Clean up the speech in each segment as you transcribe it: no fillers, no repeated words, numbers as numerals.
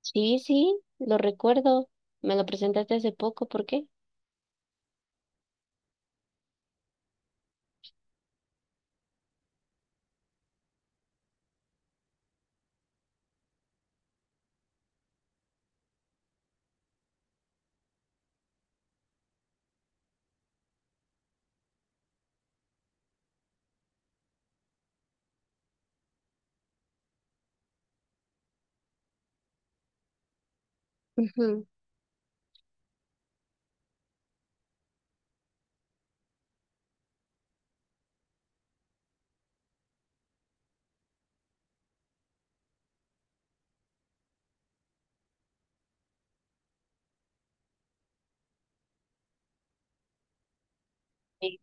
Sí, sí, lo recuerdo. Me lo presentaste hace poco, ¿por qué? Ujú. Sí,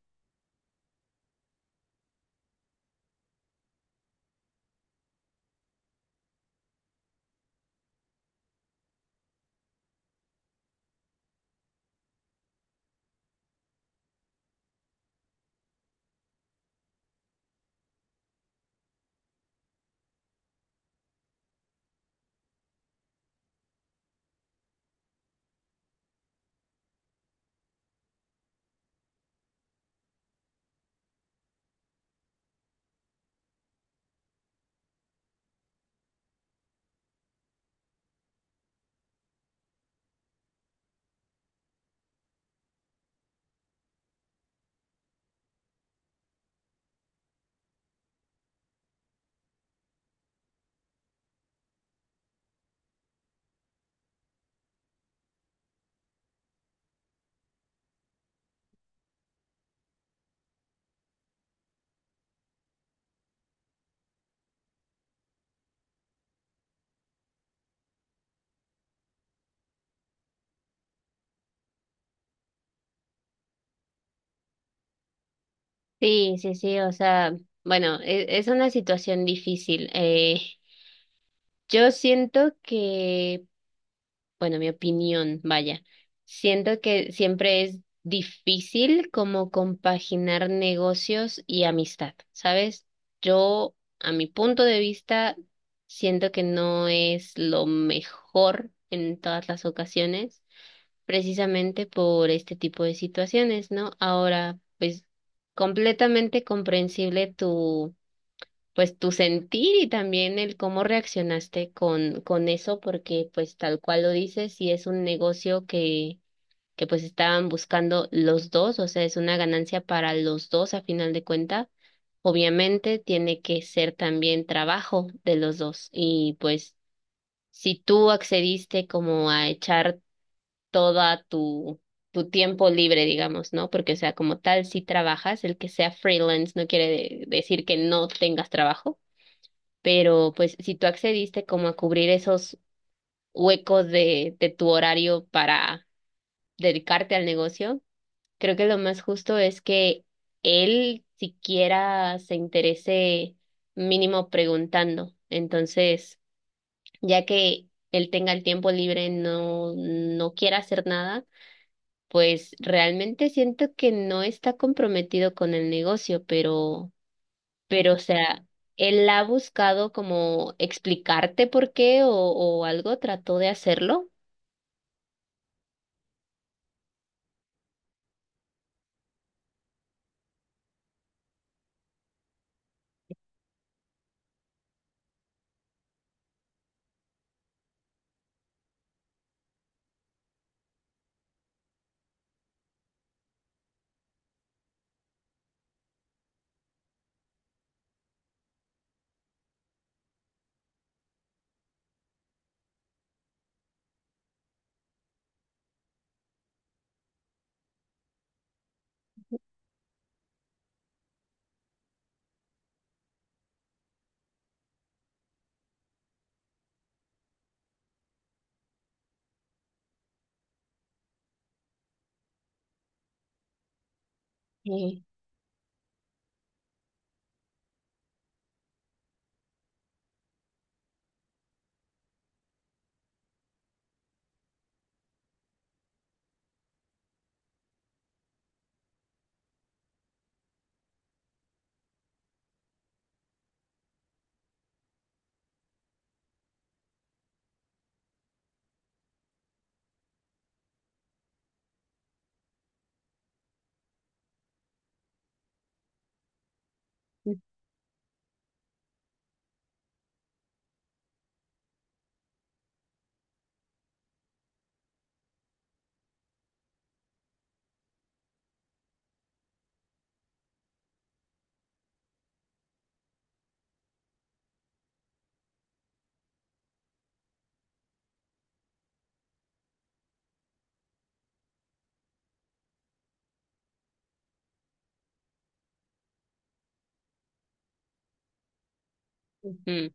sí, o sea, bueno, es una situación difícil. Yo siento que, bueno, mi opinión, vaya, siento que siempre es difícil como compaginar negocios y amistad, ¿sabes? Yo, a mi punto de vista, siento que no es lo mejor en todas las ocasiones, precisamente por este tipo de situaciones, ¿no? Ahora, pues completamente comprensible tu, pues tu sentir y también el cómo reaccionaste con eso, porque pues tal cual lo dices, y es un negocio que pues estaban buscando los dos, o sea, es una ganancia para los dos a final de cuenta. Obviamente tiene que ser también trabajo de los dos y pues si tú accediste como a echar toda tu, tu tiempo libre, digamos, ¿no? Porque, o sea, como tal, si trabajas, el que sea freelance no quiere decir que no tengas trabajo, pero pues si tú accediste como a cubrir esos huecos de tu horario para dedicarte al negocio, creo que lo más justo es que él siquiera se interese mínimo preguntando. Entonces, ya que él tenga el tiempo libre, no quiera hacer nada, pues realmente siento que no está comprometido con el negocio, pero, o sea, él ha buscado como explicarte por qué o algo, trató de hacerlo. Sí. Ujú.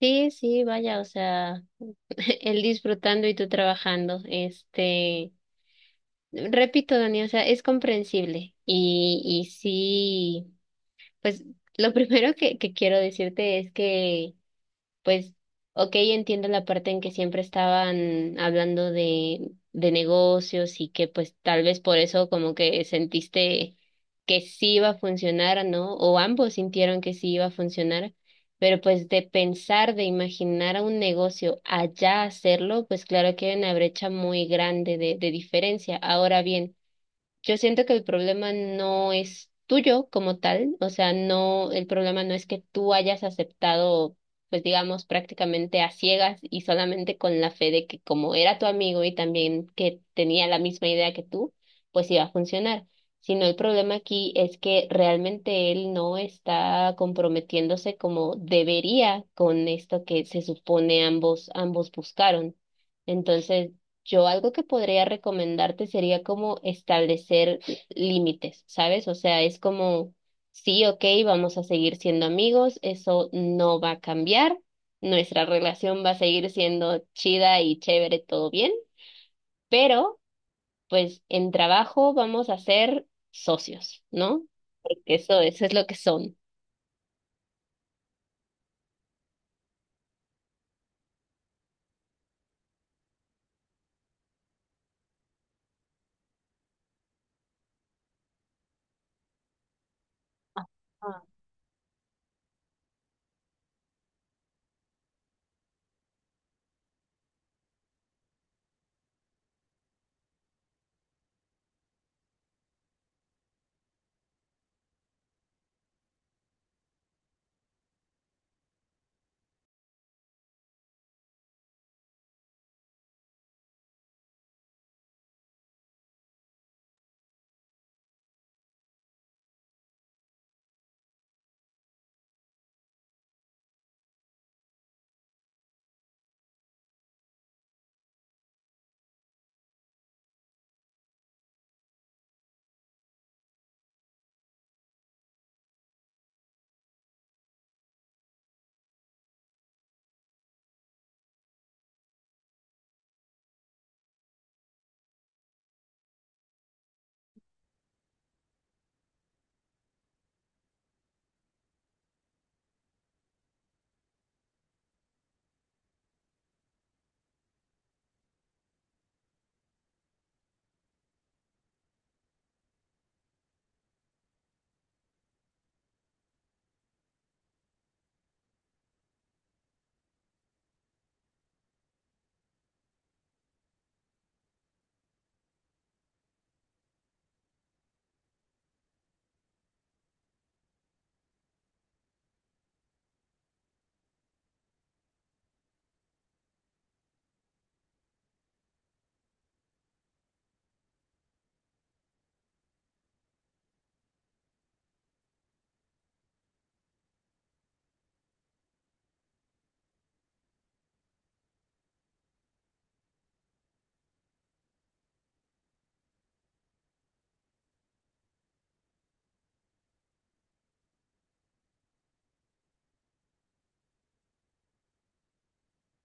Sí, sí, vaya, o sea, él disfrutando y tú trabajando, este, repito, Dani, o sea, es comprensible y sí, pues lo primero que quiero decirte es que pues, ok, entiendo la parte en que siempre estaban hablando de negocios y que pues tal vez por eso como que sentiste que sí iba a funcionar, ¿no? O ambos sintieron que sí iba a funcionar, pero pues de pensar, de imaginar a un negocio allá hacerlo, pues claro que hay una brecha muy grande de diferencia. Ahora bien, yo siento que el problema no es tuyo como tal, o sea, no, el problema no es que tú hayas aceptado, pues digamos, prácticamente a ciegas y solamente con la fe de que como era tu amigo y también que tenía la misma idea que tú, pues iba a funcionar, sino el problema aquí es que realmente él no está comprometiéndose como debería con esto que se supone ambos buscaron. Entonces, yo algo que podría recomendarte sería como establecer límites, ¿sabes? O sea, es como, sí, ok, vamos a seguir siendo amigos, eso no va a cambiar, nuestra relación va a seguir siendo chida y chévere, todo bien, pero pues en trabajo vamos a ser socios, ¿no? Porque eso es lo que son.